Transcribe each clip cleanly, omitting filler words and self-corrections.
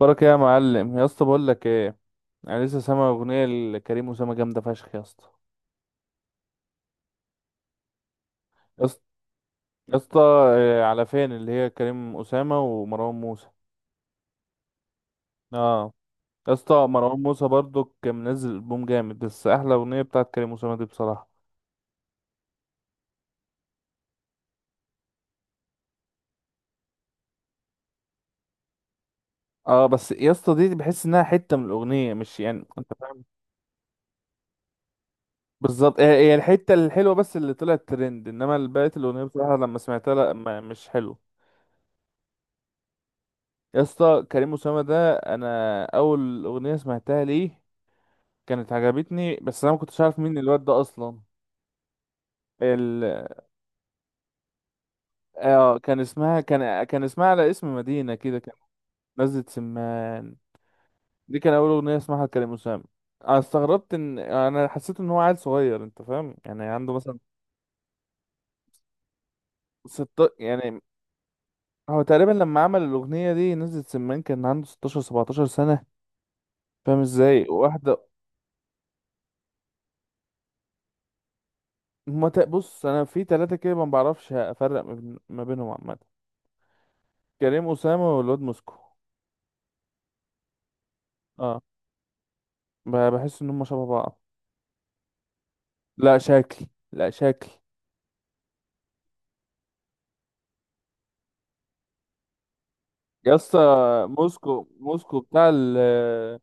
بركة يا معلم يا اسطى بقول لك ايه. انا لسه سامع اغنيه لكريم اسامه جامده فشخ يا اسطى. يا اسطى يا اسطى، آه، على فين اللي هي كريم اسامه ومروان موسى؟ اه، يا اسطى مروان موسى برضو كان منزل البوم جامد، بس احلى اغنيه بتاعت كريم اسامه دي بصراحه. اه بس يا اسطى دي بحس انها حته من الاغنيه، مش يعني انت فاهم. بالظبط، هي الحته الحلوه بس اللي طلعت ترند، انما بقيه الاغنيه بصراحه لما سمعتها لا، ما مش حلو. يا اسطى كريم اسامه ده انا اول اغنيه سمعتها ليه كانت عجبتني، بس انا ما كنتش عارف مين الواد ده اصلا. ال... آه كان اسمها، كان اسمها على اسم مدينة كده، كان نزلة سمان. دي كان اول اغنية اسمها لكريم أسامة. انا استغربت ان انا حسيت ان هو عيل صغير، انت فاهم، يعني عنده مثلا ست يعني. هو تقريبا لما عمل الاغنية دي نزلة سمان كان عنده 16 17 سنة. فاهم ازاي واحدة؟ ما ت- بص، انا في ثلاثة كده ما بعرفش افرق ما بينهم عامة. كريم أسامة والواد موسكو، اه، بحس ان هم شبه بعض. لا شكل، لا شكل يا اسطى. موسكو بتاع ال،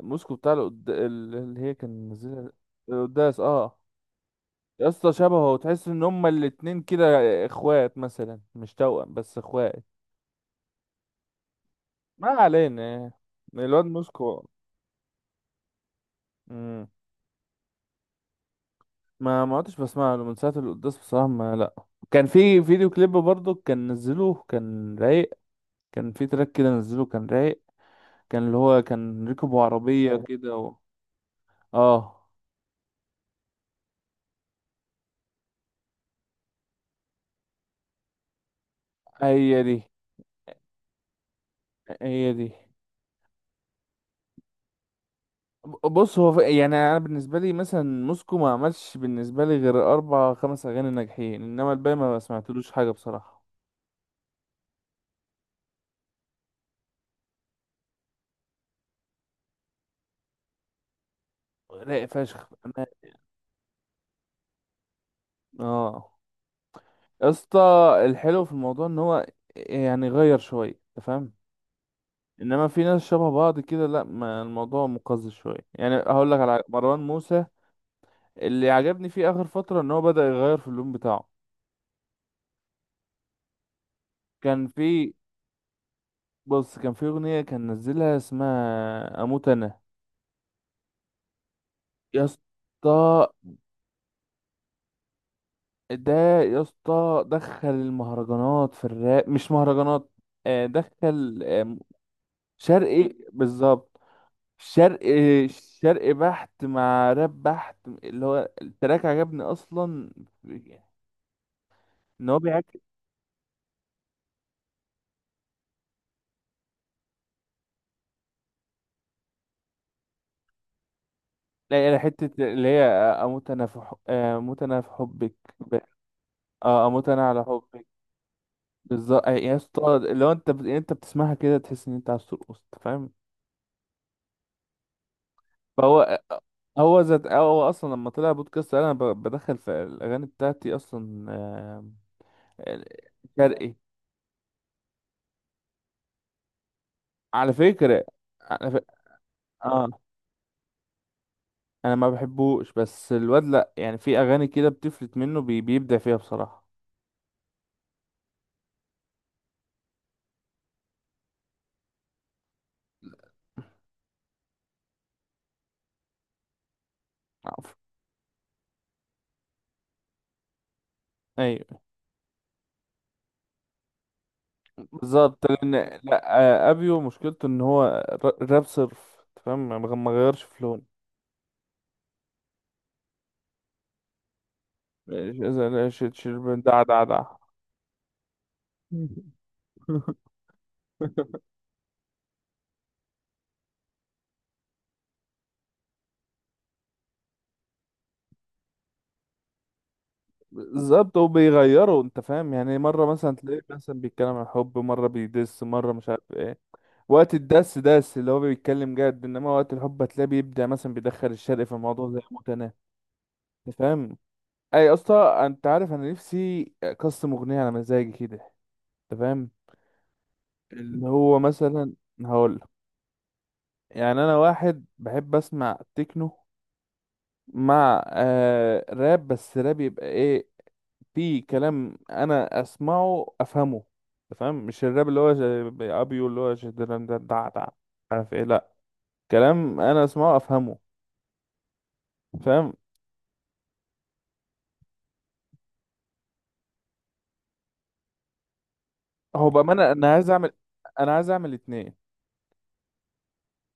موسكو بتاع اللي هي كان منزلها القداس، اه. يا اسطى شبهه، تحس ان هما الاتنين كده اخوات مثلا، مش توأم بس اخوات. ما علينا. الواد موسكو. مم. ما عدتش بسمع له من ساعة القداس بصراحة، ما لا. كان في فيديو كليب برضه كان نزله كان رايق، كان في تراك كده نزله كان رايق، كان اللي هو كان ركبوا عربية كده و... اه، هي دي، هي دي. بص، يعني انا بالنسبه لي مثلا موسكو ما عملش بالنسبه لي غير اربع خمس اغاني ناجحين، انما الباقي ما سمعتلوش حاجه بصراحه. رايق فشخ بأمانة. اه يا اسطى، الحلو في الموضوع ان هو يعني غير شويه، انت فاهم، انما في ناس شبه بعض كده لا، ما الموضوع مقزز شويه. يعني هقول لك على مروان موسى، اللي عجبني فيه اخر فتره ان هو بدأ يغير في اللون بتاعه. كان في بص، كان في اغنيه كان نزلها اسمها اموت انا. يا اسطى ده، يا اسطى دخل المهرجانات في الراب، مش مهرجانات، آه، دخل آه، شرقي بالظبط. شرقي، شرقي بحت مع راب بحت، اللي هو التراك عجبني اصلا ان هو بيعكس. لا، لا، حتة اللي هي آه، اموت انا في حب، آه، اموت انا في حبك، ب- اه اموت انا على حبك. بالظبط، آه، يا اسطى لو انت انت بتسمعها كده تحس ان انت عايز ترقص، أنت فاهم. فهو، هو ذات، هو اصلا لما طلع بودكاست انا بدخل في الاغاني بتاعتي اصلا، آه، شرقي. على فكره، على ف... اه انا ما بحبوش، بس الواد لا، يعني في اغاني كده بتفلت منه بيبدع فيها بصراحه. عفو. ايوه، بالظبط لان لا، آه، ابيو مشكلته ان هو راب صرف، أنت فاهم، ما غيرش في لون. إيش- إذا- إيش- إيش- ده بالظبط، وبيغيروا انت فاهم، يعني مره مثلا تلاقيه مثلا بيتكلم عن الحب، مره بيدس، مره مش عارف ايه. وقت الدس دس اللي هو بيتكلم جد، انما وقت الحب هتلاقيه بيبدع، مثلا بيدخل الشرق في الموضوع زي متناه، انت فاهم. اي اصلا انت عارف، انا نفسي اقسم اغنيه على مزاجي كده، انت فاهم. اللي هو مثلا هقول، يعني انا واحد بحب اسمع تكنو مع آه راب، بس راب يبقى ايه؟ في كلام انا اسمعه افهمه، أنت فاهم، مش الراب اللي هو زي ابيو اللي هو ده دع دع، عارف ايه، لا كلام انا اسمعه افهمه، فاهم. هو بامانه انا عايز اعمل، اتنين،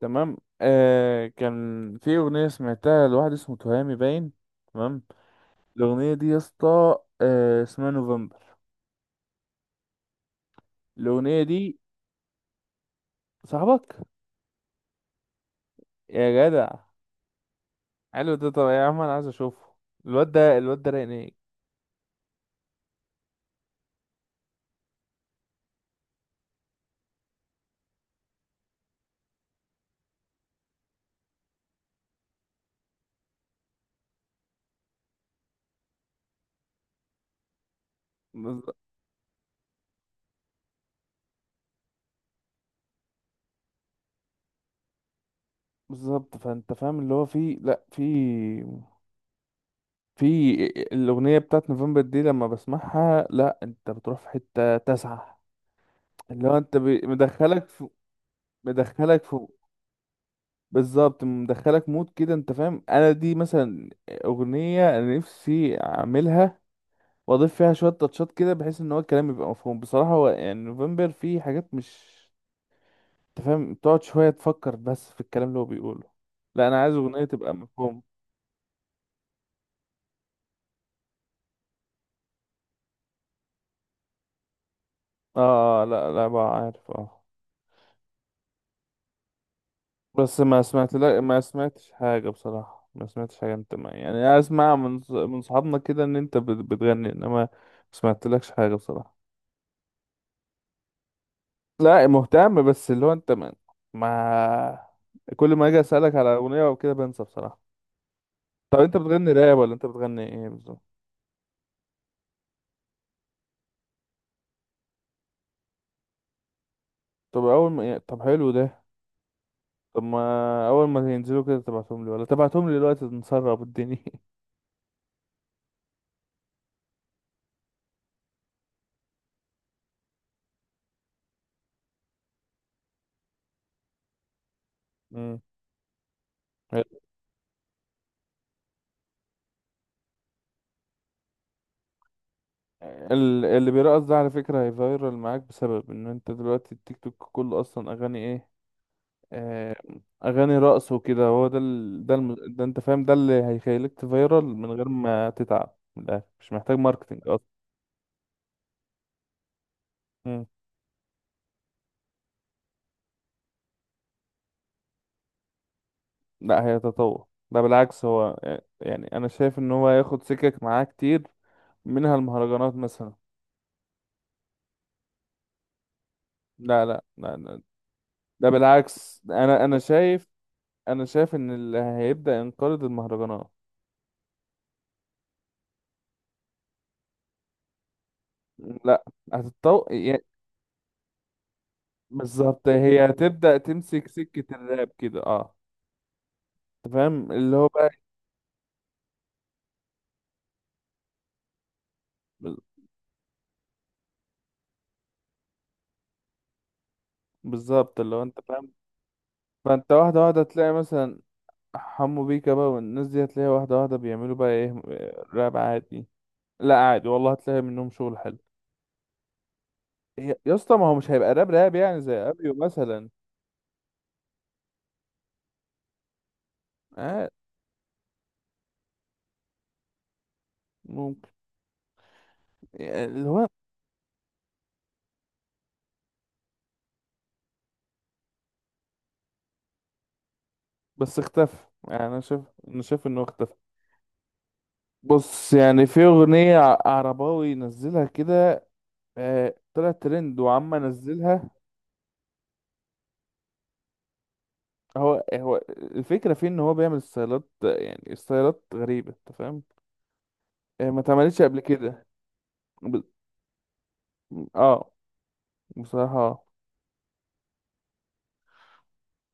تمام. آه كان في اغنيه سمعتها لواحد اسمه تهامي باين، تمام. الاغنيه دي يا اسطى آه اسمها نوفمبر. الاغنيه دي صاحبك يا جدع، حلو ده، طب يا عم انا عايز اشوفه. الواد ده رايق. بالظبط، فانت فاهم اللي هو في لا في في الاغنيه بتاعت نوفمبر دي لما بسمعها لا، انت بتروح في حته تسعة. اللي هو انت مدخلك في، بالظبط، مدخلك مود كده انت فاهم. انا دي مثلا اغنيه انا نفسي اعملها، واضيف فيها شويه تاتشات كده بحيث ان هو الكلام يبقى مفهوم بصراحه. هو يعني نوفمبر فيه حاجات مش، انت فاهم، تقعد شويه تفكر بس في الكلام اللي هو بيقوله. لا انا عايز اغنيه تبقى مفهوم. اه، آه، لا بقى عارف، اه. بس ما سمعت لا، ما سمعتش حاجة بصراحة، ما سمعتش حاجة. انت ما يعني، اسمع من من صحابنا كده ان انت بتغني، انما ما سمعتلكش حاجة بصراحة. لا مهتم، بس اللي هو انت ما كل ما اجي اسألك على اغنية او كده بنسى بصراحة. طب انت بتغني راب ولا انت بتغني ايه بالظبط؟ طب اول ما يعني- طب حلو ده. طب ما اول ما ينزلوا كده تبعتهم لي، ولا تبعتهم لي دلوقتي نسرب الدنيا؟ مم. اللي بيرقص ده على فكرة هيفايرال معاك، بسبب ان انت دلوقتي التيك توك كله اصلا اغاني ايه؟ آه، اغاني رقص وكده، هو ده ده انت فاهم، ده اللي هيخليك تفايرال من غير ما تتعب من الآخر. مش محتاج ماركتينج اصلا. مم. لا هيتطور، ده بالعكس هو آه، يعني انا شايف ان هو هياخد سكك معاه كتير، منها المهرجانات مثلا. لا، لا، لا. ده بالعكس، انا شايف ان اللي هيبدأ ينقرض المهرجانات. لا هتتطور، بالظبط، هي تبدأ تمسك سكة الراب كده، اه، انت فاهم اللي هو بقى، بالظبط اللي هو انت فاهم. فانت واحدة واحدة تلاقي مثلا حمو بيكا بقى والناس دي، هتلاقي واحدة واحدة بيعملوا بقى ايه، راب عادي. لا عادي والله، هتلاقي منهم شغل حلو. يا اسطى ما هو مش هيبقى راب راب، يعني زي ابيو مثلا. اه ممكن، يعني اللي هو، بس اختفى. يعني انا شايف، انه اختفى. بص، يعني في اغنية عرباوي نزلها كده، آه، طلعت ترند وعم نزلها. هو الفكرة فيه ان هو بيعمل ستايلات، يعني ستايلات غريبة انت فاهم، آه، ما اتعملتش قبل كده. ب... اه بصراحة، آه.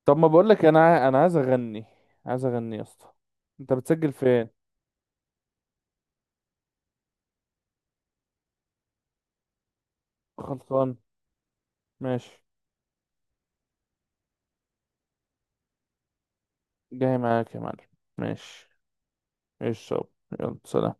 طب ما بقولك انا انا عايز اغني، عايز اغني يا اسطى. انت بتسجل فين؟ خلصان، ماشي، جاي معاك يا معلم، ماشي. ايش؟ يلا، سلام.